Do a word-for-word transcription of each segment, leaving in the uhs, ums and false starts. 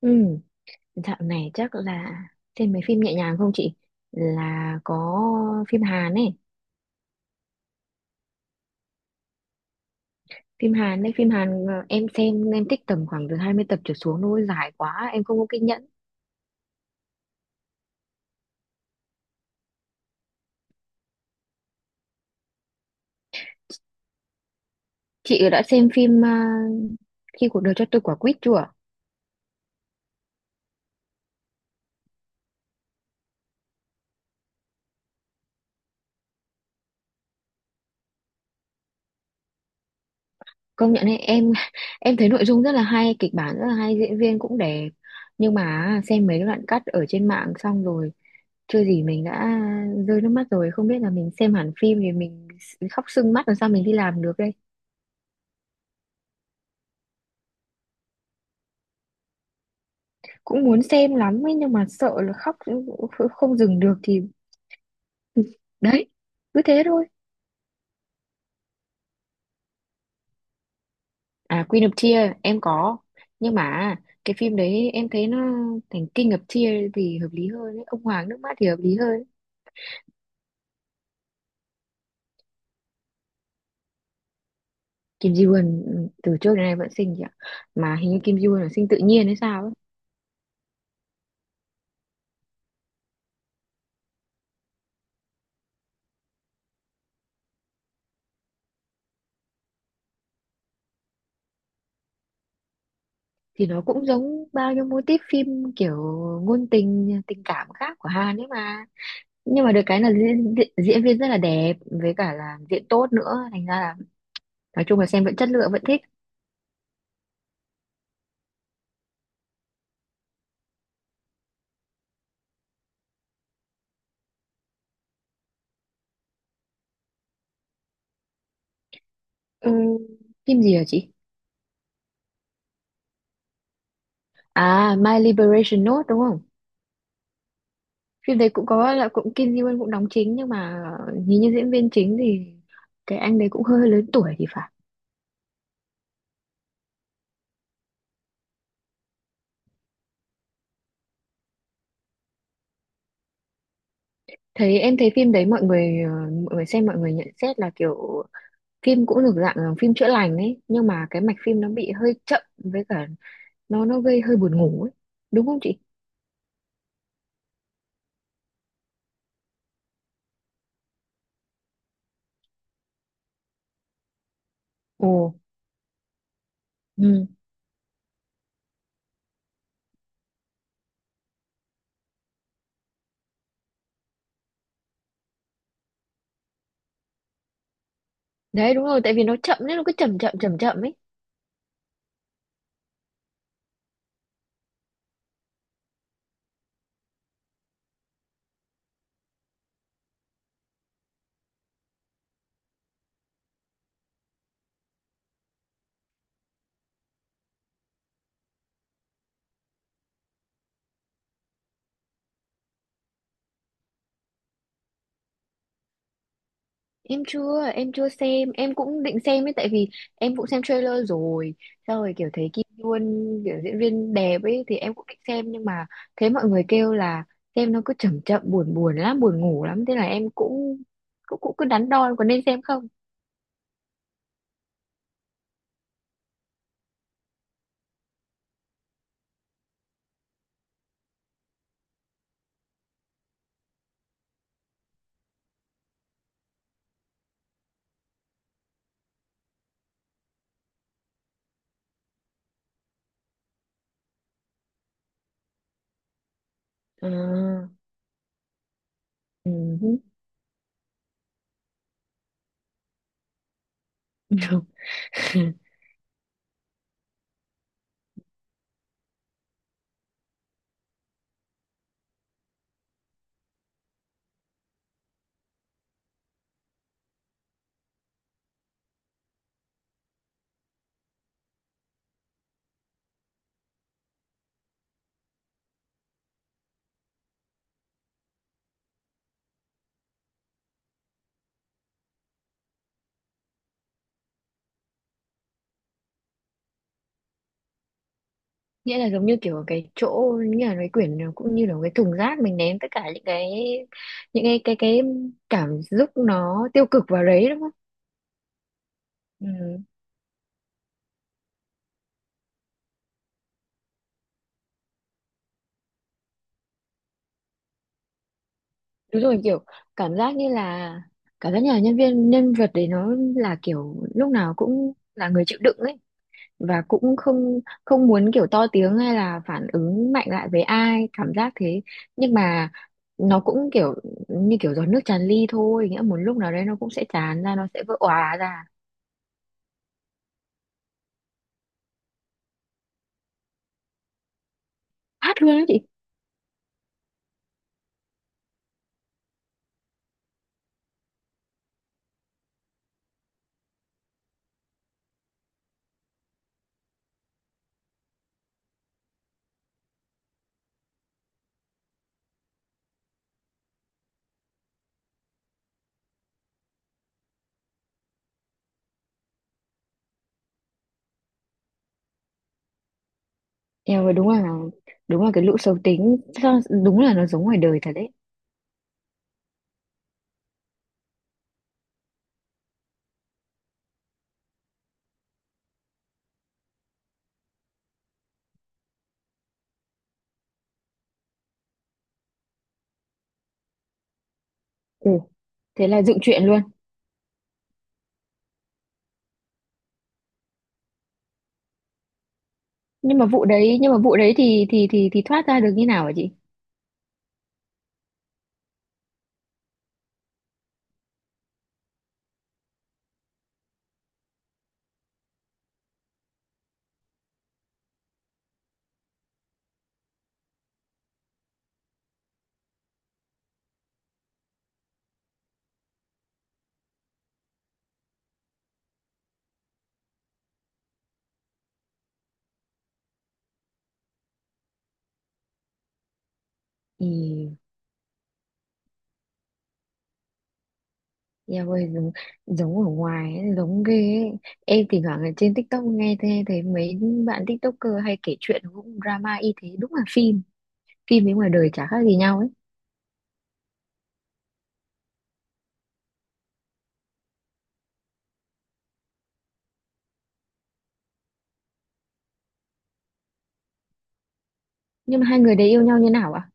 Ừ, dạo này chắc là xem mấy phim nhẹ nhàng không chị? Là có phim Hàn ấy, phim Hàn đấy, phim Hàn ờ, em xem em thích tầm khoảng từ hai mươi tập trở xuống thôi, dài quá, em không có kiên nhẫn. Chị đã xem phim ờ, Khi cuộc đời cho tôi quả quýt chưa? Công nhận ấy, em em thấy nội dung rất là hay, kịch bản rất là hay, diễn viên cũng đẹp. Nhưng mà xem mấy đoạn cắt ở trên mạng xong rồi chưa gì mình đã rơi nước mắt rồi, không biết là mình xem hẳn phim thì mình khóc sưng mắt làm sao mình đi làm được. Cũng muốn xem lắm ấy nhưng mà sợ là khóc kh- không dừng được thì đấy, cứ thế thôi. À, Queen of Tears em có, nhưng mà cái phim đấy em thấy nó thành King of Tears thì hợp lý hơn ấy. Ông Hoàng nước mắt thì hợp lý hơn. Kim Ji Won ừ, từ trước đến nay vẫn xinh chị ạ, mà hình như Kim Ji Won là sinh tự nhiên hay sao ấy. Thì nó cũng giống bao nhiêu mô típ phim kiểu ngôn tình tình cảm khác của Hàn ấy mà. Nhưng mà được cái là diễn, diễn viên rất là đẹp với cả là diễn tốt nữa, thành ra là nói chung là xem vẫn chất lượng, vẫn thích. Ừm, Phim gì hả chị? À, My Liberation Note đúng không? Phim đấy cũng có là cũng Kim Ji Won cũng đóng chính, nhưng mà nhìn như diễn viên chính thì cái anh đấy cũng hơi, hơi lớn tuổi thì phải. Thấy em thấy phim đấy mọi người ờ, mọi người xem, mọi người nhận xét là kiểu phim cũng được dạng là phim chữa lành ấy, nhưng mà cái mạch phim nó bị hơi chậm, với cả nó nó gây hơi buồn ngủ ấy, đúng không chị? Ồ. Ừ. Đấy, đúng rồi, tại vì nó chậm nên nó cứ chậm chậm chậm chậm ấy. Em chưa, em chưa xem, em cũng định xem ấy, tại vì em cũng xem trailer rồi. Sau rồi kiểu thấy Kim Yoon, kiểu diễn viên đẹp ấy thì em cũng định xem, nhưng mà thấy mọi người kêu là xem nó cứ chậm chậm buồn buồn lắm, buồn ngủ lắm, thế là em cũng cũng cũng cứ đắn đo có nên xem không. À. Ừ. Nghĩa là giống như kiểu cái chỗ, như là cái quyển nó cũng như là cái thùng rác mình ném tất cả những cái những cái cái cái cảm xúc nó tiêu cực vào đấy, đúng không? Ừ. Đúng rồi, kiểu cảm giác như là cảm giác như là nhân viên nhân vật đấy nó là kiểu lúc nào cũng là người chịu đựng ấy, và cũng không không muốn kiểu to tiếng hay là phản ứng mạnh lại với ai, cảm giác thế. Nhưng mà nó cũng kiểu như kiểu giọt nước tràn ly thôi, nghĩa một lúc nào đấy nó cũng sẽ tràn ra, nó sẽ vỡ òa ra. Hát luôn đó chị. Em ơi, đúng là đúng là cái lũ xấu tính sao- đúng là nó giống ngoài đời thật đấy. Ừ, thế là dựng chuyện luôn. Nhưng mà vụ đấy, nhưng mà vụ đấy thì thì thì thì thoát ra được như nào hả chị? Ý. Eo ơi giống, giống ở ngoài ấy, giống ghê ấy. Em thỉnh thoảng ở trên TikTok nghe thấy, thấy, mấy bạn TikToker hay kể chuyện cũng drama y thế, đúng là phim, phim với ngoài đời chả khác gì nhau ấy. Nhưng mà hai người đấy yêu nhau như nào ạ?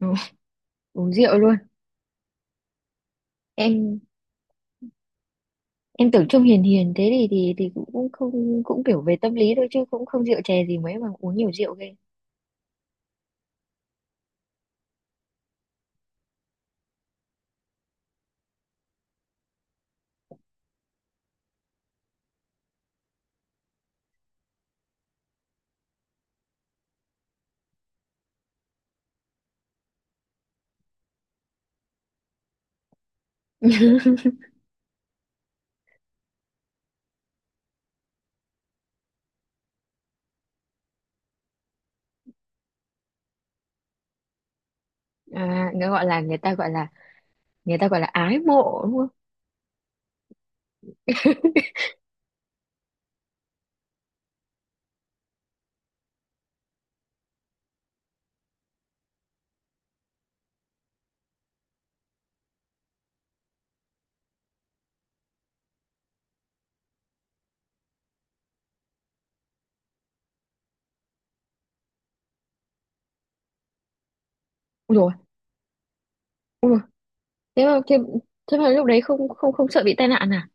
Ừ, uống rượu luôn. Em em tưởng trông hiền hiền thế thì thì thì cũng cũng không cũng kiểu về tâm lý thôi, chứ cũng không rượu chè gì mấy mà uống nhiều rượu ghê. À, người gọi là người ta gọi là người ta gọi là ái mộ đúng không? Ui rồi. Ui dồi, thế mà thế, thế mà lúc đấy không không không sợ bị tai nạn à?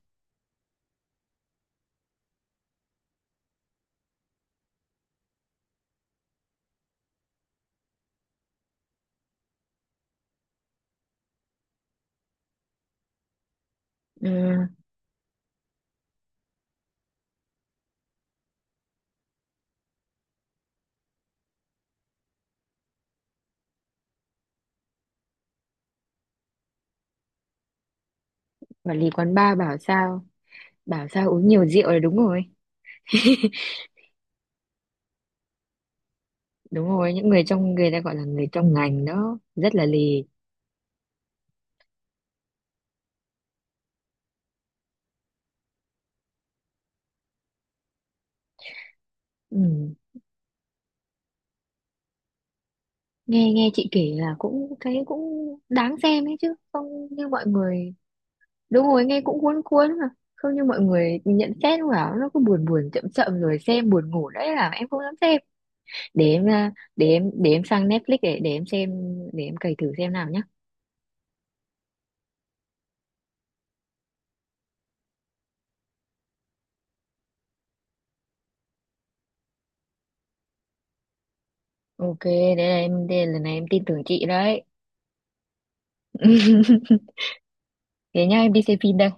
Ừ. Quản lý quán bar bảo sao, bảo sao uống nhiều rượu là đúng rồi. Đúng rồi, những người trong, người ta gọi là người trong ngành đó rất là lì. Ừ. nghe nghe chị kể là cũng thấy cũng đáng xem ấy chứ không như mọi người. Đúng rồi, nghe cũng cuốn cuốn mà, không như mọi người nhận xét cũng bảo nó cứ buồn buồn chậm chậm rồi xem buồn ngủ, đấy là em không dám xem. Để em à, để em để em sang Netflix, để để em xem. Để em cày thử xem nào nhá. OK. Đây là em đây, lần này em tin tưởng chị đấy. Thế nhá, em đi xem phim đây.